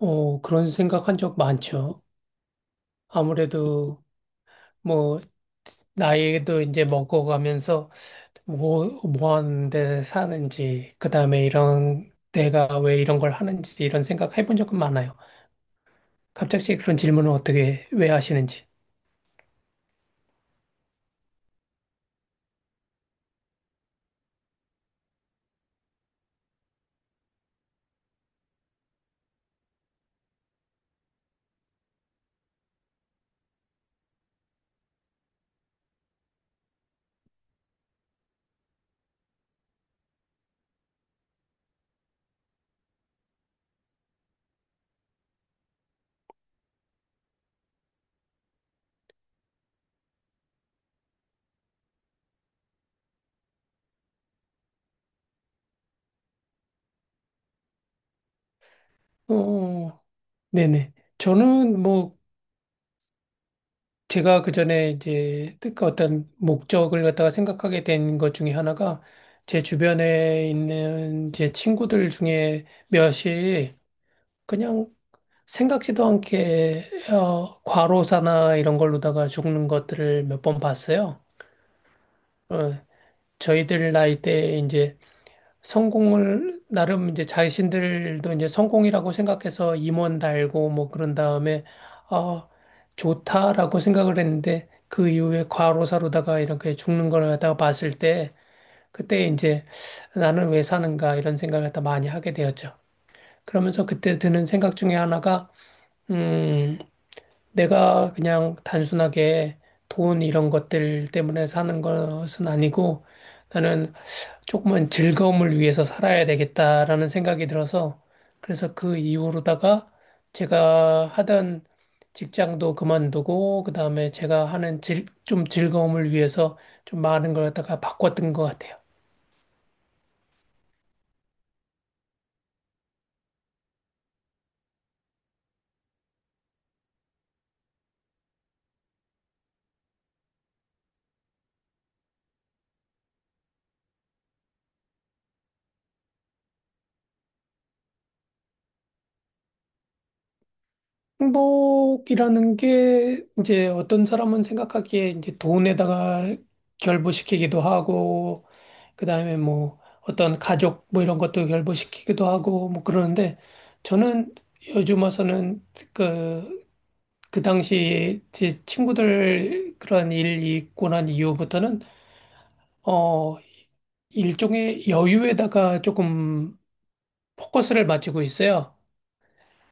어, 그런 생각한 적 많죠. 아무래도 뭐 나이도 이제 먹어가면서 뭐 하는데 사는지, 그 다음에 이런, 내가 왜 이런 걸 하는지 이런 생각 해본 적은 많아요. 갑자기 그런 질문을 어떻게, 왜 하시는지. 어, 네네. 저는 뭐, 제가 그 전에 이제 그 어떤 목적을 갖다가 생각하게 된 것 중에 하나가 제 주변에 있는 제 친구들 중에 몇이 그냥 생각지도 않게 과로사나 이런 걸로다가 죽는 것들을 몇 번 봤어요. 어, 저희들 나이 때 이제 성공을 나름 이제 자신들도 이제 성공이라고 생각해서 임원 달고 뭐 그런 다음에 어, 좋다라고 생각을 했는데 그 이후에 과로사로다가 이렇게 죽는 걸 갖다가 봤을 때 그때 이제 나는 왜 사는가 이런 생각을 갖다 많이 하게 되었죠. 그러면서 그때 드는 생각 중에 하나가 음. 내가 그냥 단순하게 돈 이런 것들 때문에 사는 것은 아니고 나는 조금은 즐거움을 위해서 살아야 되겠다라는 생각이 들어서 그래서 그 이후로다가 제가 하던 직장도 그만두고 그다음에 제가 하는 좀 즐거움을 위해서 좀 많은 걸 갖다가 바꿨던 것 같아요. 행복이라는 게 이제 어떤 사람은 생각하기에 이제 돈에다가 결부시키기도 하고, 그다음에 뭐 어떤 가족 뭐 이런 것도 결부시키기도 하고 뭐 그러는데 저는 요즘 와서는 그, 그 당시 제 친구들 그런 일이 있고 난 이후부터는 어, 일종의 여유에다가 조금 포커스를 맞추고 있어요.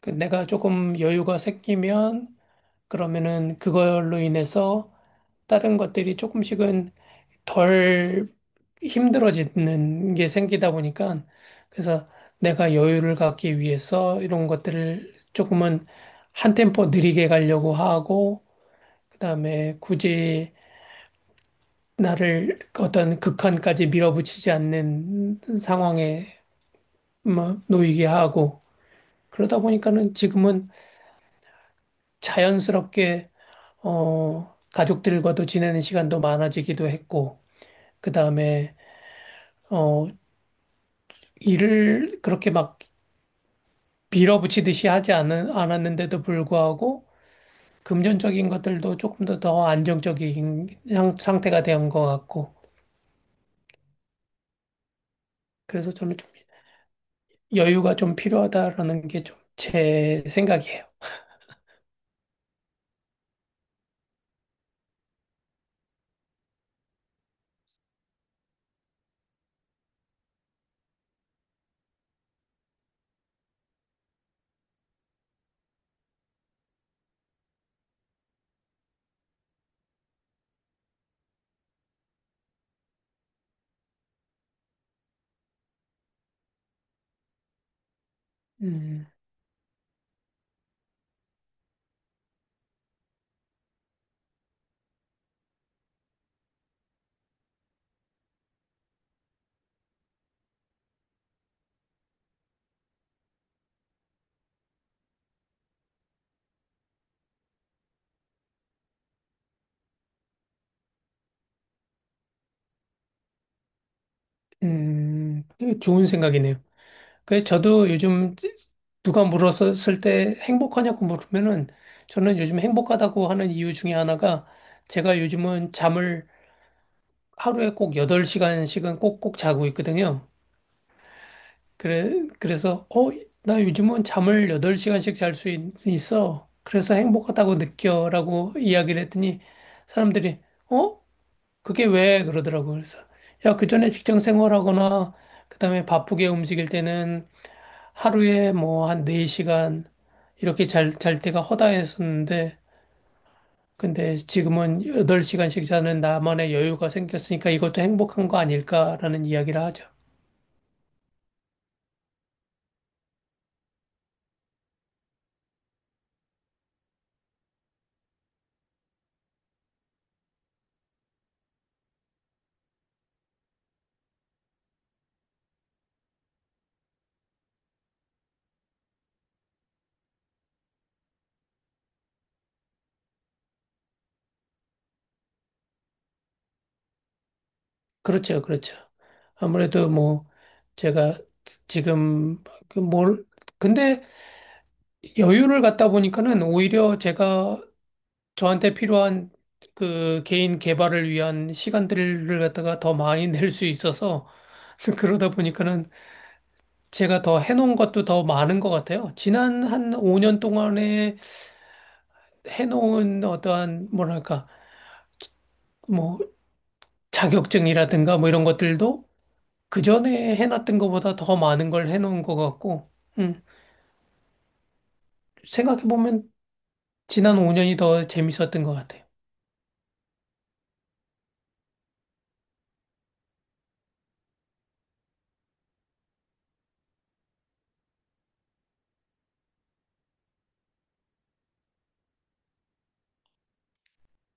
그 내가 조금 여유가 생기면 그러면은 그걸로 인해서 다른 것들이 조금씩은 덜 힘들어지는 게 생기다 보니까 그래서 내가 여유를 갖기 위해서 이런 것들을 조금은 한 템포 느리게 가려고 하고 그다음에 굳이 나를 어떤 극한까지 밀어붙이지 않는 상황에 뭐 놓이게 하고 그러다 보니까는 지금은 자연스럽게 가족들과도 지내는 시간도 많아지기도 했고 그다음에 어 일을 그렇게 막 밀어붙이듯이 하지 않 않았는데도 불구하고 금전적인 것들도 조금 더 안정적인 상태가 된 것 같고 그래서 저는 좀 여유가 좀 필요하다라는 게 좀 제 생각이에요. 음, 음, 좋은 생각이네요. 그래서 저도 요즘 누가 물었을 때 행복하냐고 물으면은 저는 요즘 행복하다고 하는 이유 중에 하나가 제가 요즘은 잠을 하루에 꼭 8시간씩은 꼭꼭 자고 있거든요. 그래, 그래서, 나 요즘은 잠을 8시간씩 잘 수 있어. 그래서 행복하다고 느껴. 라고 이야기를 했더니 사람들이, 어? 그게 왜? 그러더라고요. 그래서, 야, 그전에 직장 생활하거나, 그다음에 바쁘게 움직일 때는 하루에 뭐 한 4시간 이렇게 잘 때가 허다했었는데, 근데 지금은 8시간씩 자는 나만의 여유가 생겼으니까 이것도 행복한 거 아닐까라는 이야기를 하죠. 그렇죠, 그렇죠. 아무래도 뭐 제가 지금 그 뭘 근데 여유를 갖다 보니까는 오히려 제가 저한테 필요한 그 개인 개발을 위한 시간들을 갖다가 더 많이 낼 수 있어서 그러다 보니까는 제가 더 해놓은 것도 더 많은 것 같아요. 지난 한 5년 동안에 해놓은 어떠한 뭐랄까 뭐 자격증이라든가 뭐 이런 것들도 그 전에 해놨던 것보다 더 많은 걸 해놓은 것 같고, 음, 생각해보면 지난 5년이 더 재밌었던 것 같아요.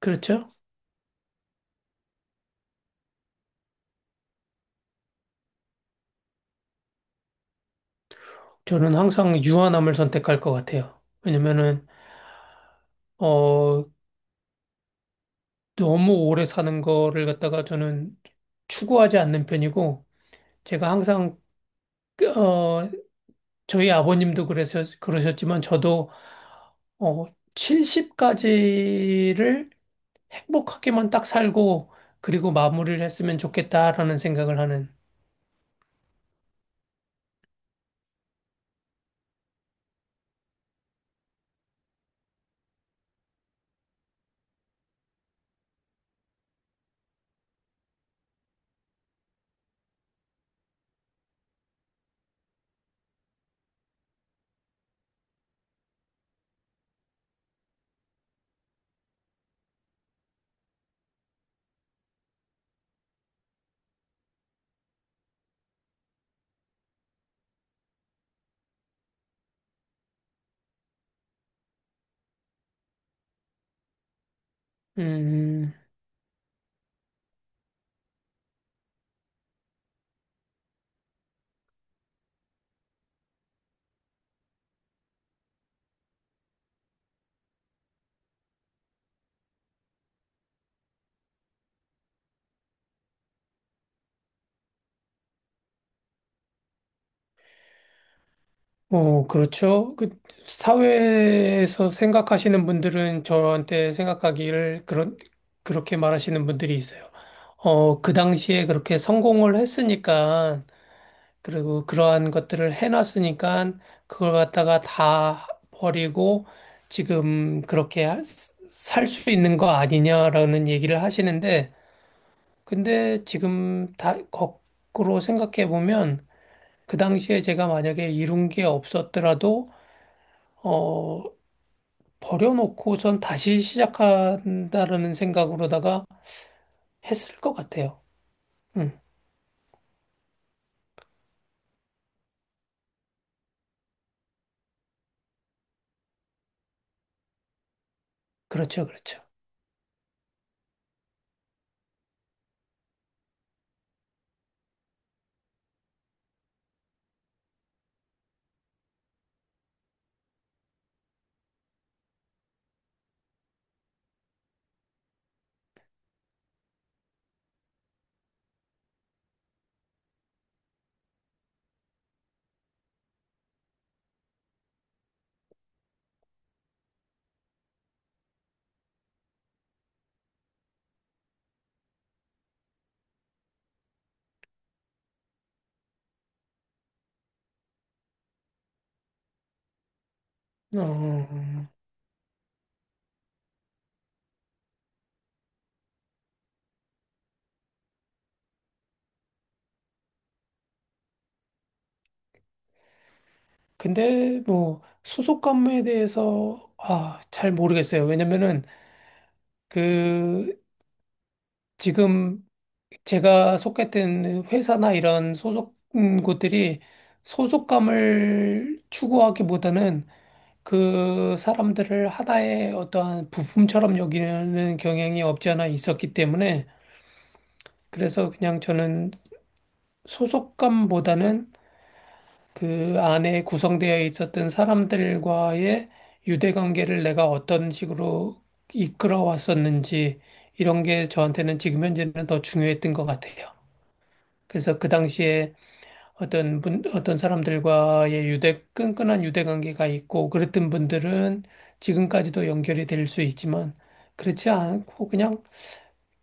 그렇죠? 저는 항상 유한함을 선택할 것 같아요. 왜냐면은, 어, 너무 오래 사는 거를 갖다가 저는 추구하지 않는 편이고, 제가 항상, 어, 저희 아버님도 그래서, 그러셨지만, 저도, 어, 70까지를 행복하게만 딱 살고, 그리고 마무리를 했으면 좋겠다라는 생각을 하는, 음, 어, 그렇죠. 그 사회에서 생각하시는 분들은 저한테 생각하기를 그런 그렇게 말하시는 분들이 있어요. 그 당시에 그렇게 성공을 했으니까 그리고 그러한 것들을 해놨으니까 그걸 갖다가 다 버리고 지금 그렇게 살 수 있는 거 아니냐라는 얘기를 하시는데 근데 지금 다 거꾸로 생각해 보면 그 당시에 제가 만약에 이룬 게 없었더라도 어, 버려놓고 전 다시 시작한다라는 생각으로다가 했을 것 같아요. 음, 그렇죠, 그렇죠. 어, 어, 어. 근데 뭐 소속 관계에 대해서 아, 잘 모르겠어요. 왜냐면은 그 지금 제가 속했던 회사나 이런 소속 곳들이 소속감을 추구하기보다는 그 사람들을 하나의 어떠한 부품처럼 여기는 경향이 없지 않아 있었기 때문에 그래서 그냥 저는 소속감보다는 그 안에 구성되어 있었던 사람들과의 유대관계를 내가 어떤 식으로 이끌어왔었는지 이런 게 저한테는 지금 현재는 더 중요했던 것 같아요. 그래서 그 당시에 어떤 사람들과의 유대, 끈끈한 유대관계가 있고 그랬던 분들은 지금까지도 연결이 될 수 있지만 그렇지 않고 그냥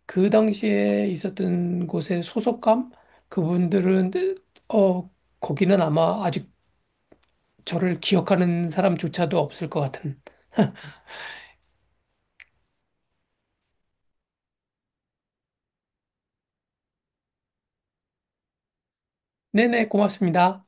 그 당시에 있었던 곳의 소속감 그분들은 어 거기는 아마 아직 저를 기억하는 사람조차도 없을 것 같은. 네네, 고맙습니다.